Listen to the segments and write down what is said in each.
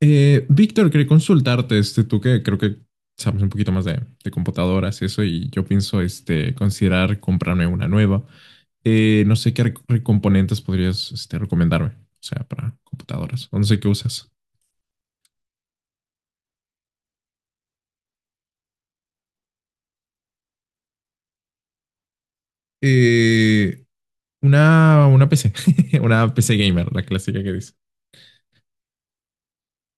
Víctor, quería consultarte, tú que creo que sabes un poquito más de computadoras y eso, y yo pienso, considerar comprarme una nueva. No sé qué componentes podrías, recomendarme, o sea, para computadoras, o no sé qué usas. Eh, una PC, una PC gamer, la clásica que dice.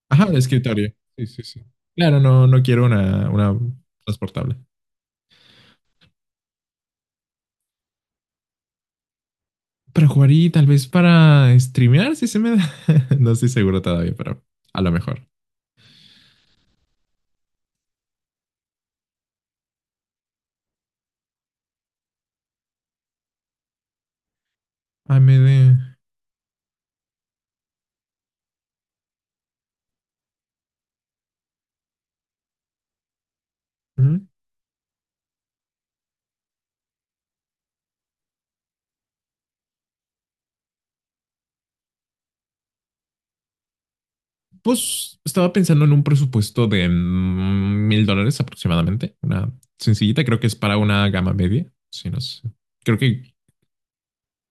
Ajá, de escritorio. Sí, sí, sí. Claro, no, no quiero una transportable. Para jugar y tal vez para streamear, si se me da. No estoy seguro todavía, pero a lo mejor. A AMD. ¿Mm? Pues estaba pensando en un presupuesto de $1000 aproximadamente. Una sencillita, creo que es para una gama media. Sí, no sé. Creo que.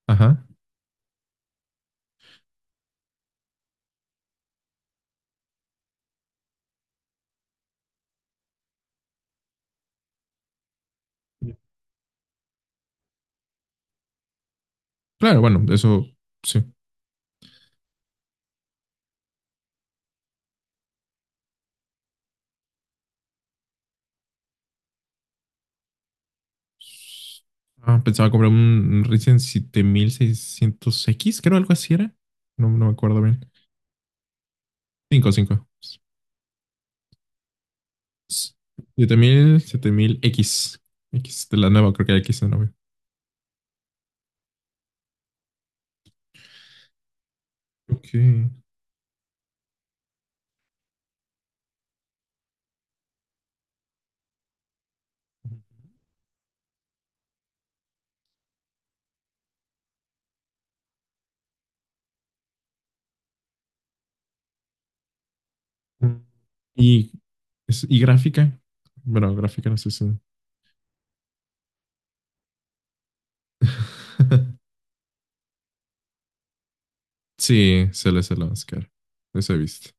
Ajá. Claro, bueno, eso sí. Ah, pensaba comprar un Ryzen 7600X creo algo así era. No, no me acuerdo bien. Cinco, cinco, siete mil x X de la nueva, creo que hay X de nuevo. Ok. Mm. Y, y gráfica. Bueno, gráfica no sé si. Sí, se le hace el Oscar. Eso he visto.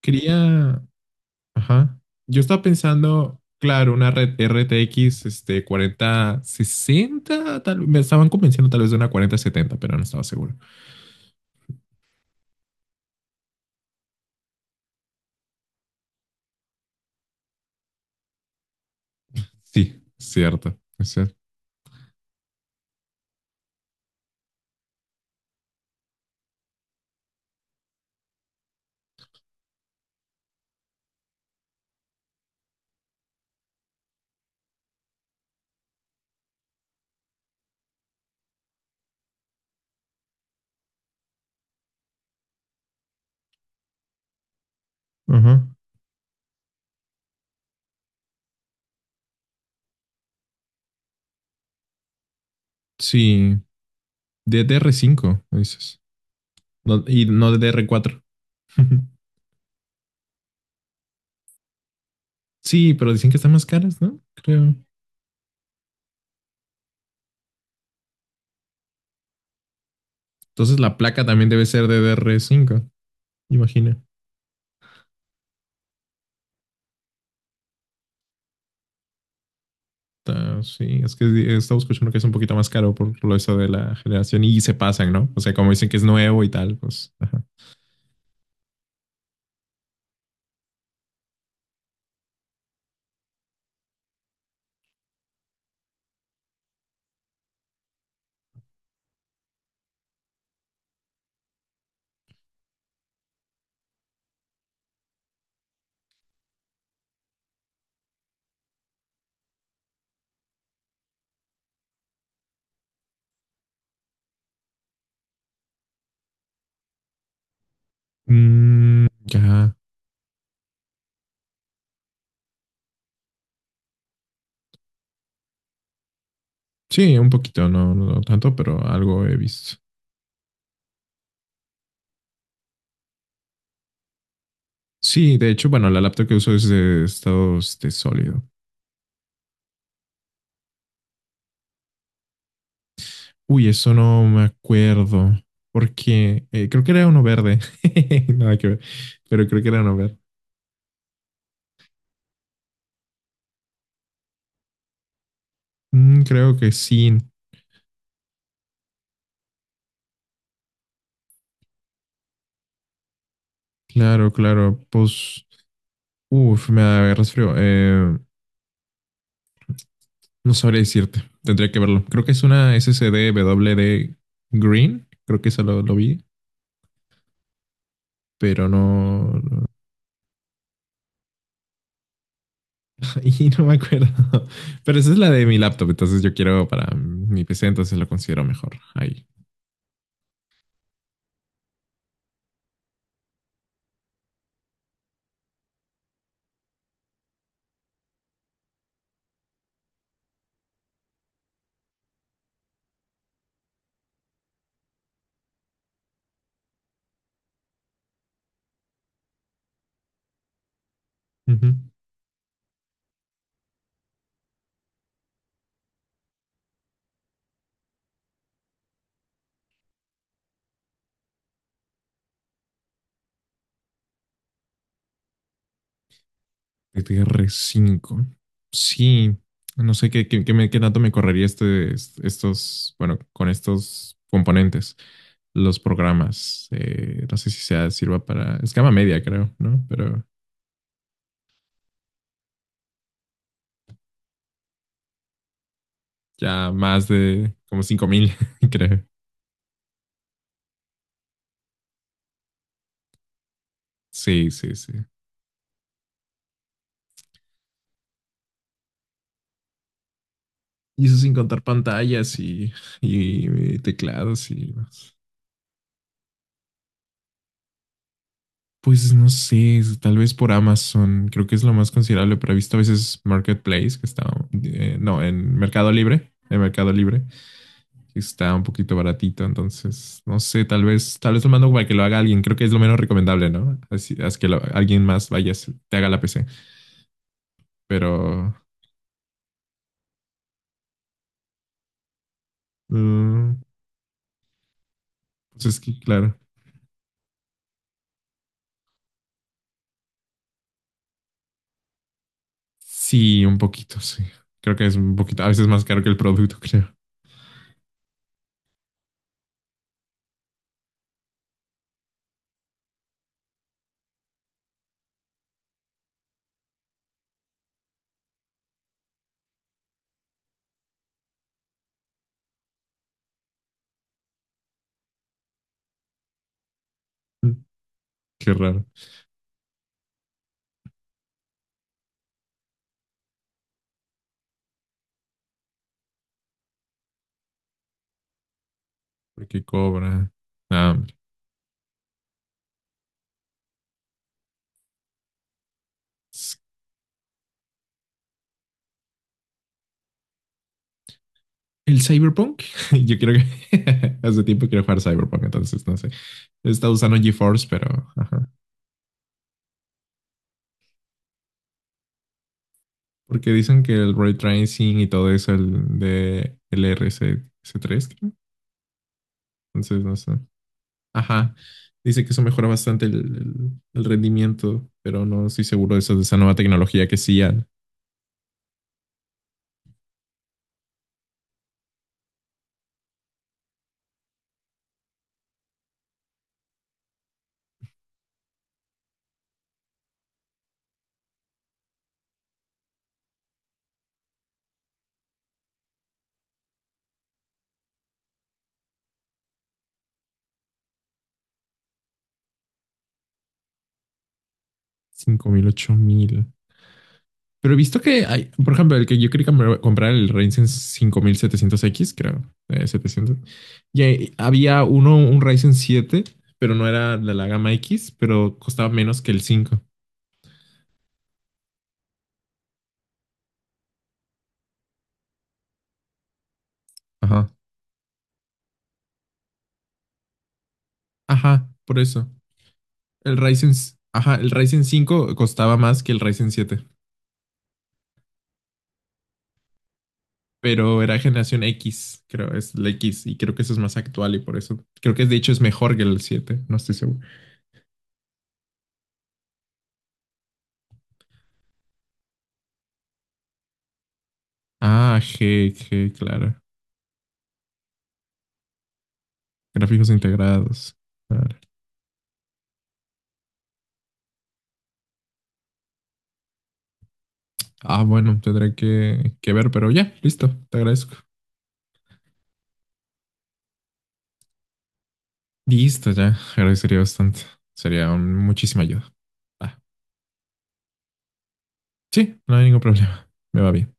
Quería. Ajá. Yo estaba pensando, claro, una red RTX 4060 Tal, me estaban convenciendo tal vez de una 4070 pero no estaba seguro. Sí, cierto. Es cierto. Ajá. Sí, DDR5 dices. Y no DDR4 Sí, pero dicen que están más caras, ¿no? Creo. Entonces la placa también debe ser de DR5, imagina. Ah, sí, es que estamos escuchando que es un poquito más caro por lo eso de la generación y se pasan, ¿no? O sea, como dicen que es nuevo y tal, pues, ajá. Mm, ya. Sí, un poquito, no, no tanto, pero algo he visto. Sí, de hecho, bueno, la laptop que uso es de estado sólido. Uy, eso no me acuerdo. Porque creo que era uno verde. Nada que ver. Pero creo que era uno verde. Mm, creo que sí. Claro, claro. Pues. Uff, me agarras frío. No sabría decirte. Tendría que verlo. Creo que es una SSD WD Green. Creo que eso lo vi. Pero no. Y no me acuerdo. Pero esa es la de mi laptop. Entonces yo quiero para mi PC. Entonces lo considero mejor. Ahí. Ujú. GTR 5. Sí, no sé qué tanto me correría estos, bueno, con estos componentes, los programas. No sé si sea, sirva para escama media, creo, ¿no? Pero ya más de como 5000 creo. Sí, sí, sí. Y eso sin contar pantallas y teclados y demás. Pues no sé, tal vez por Amazon, creo que es lo más considerable, pero he visto a veces Marketplace, que está, no, en Mercado Libre, que está un poquito baratito, entonces, no sé, tal vez lo mando para que lo haga alguien, creo que es lo menos recomendable, ¿no? Así, alguien más vaya, te haga la PC, pero, mm, pues es que, claro, sí, un poquito, sí. Creo que es un poquito, a veces más caro que el producto, creo. Qué raro. ¿Porque cobra? Ah, hombre. ¿El Cyberpunk? Yo quiero que... Hace tiempo quiero jugar Cyberpunk, entonces no sé. Está usando GeForce, pero... Ajá. Porque dicen que el ray tracing y todo eso, el de el R C 3 creo. Entonces no sé. Ajá. Dice que eso mejora bastante el rendimiento, pero no estoy seguro de eso, de esa nueva tecnología que sí a 5000, 8000. Pero he visto que hay, por ejemplo, el que yo quería comprar, el Ryzen 5700X creo, 700. Y había uno, un Ryzen siete pero no era de la gama X, pero costaba menos que el cinco. Ajá. Ajá, por eso. El Ryzen, ajá, el Ryzen cinco costaba más que el Ryzen siete pero era generación X, creo, es la X, y creo que eso es más actual y por eso, creo que de hecho es mejor que el siete no estoy seguro. Ah, G, G, claro. Gráficos integrados. Claro. Ah, bueno, tendré que ver, pero ya, listo, te agradezco. Listo, ya, agradecería bastante. Muchísima ayuda. Ah, sí, no hay ningún problema. Me va bien.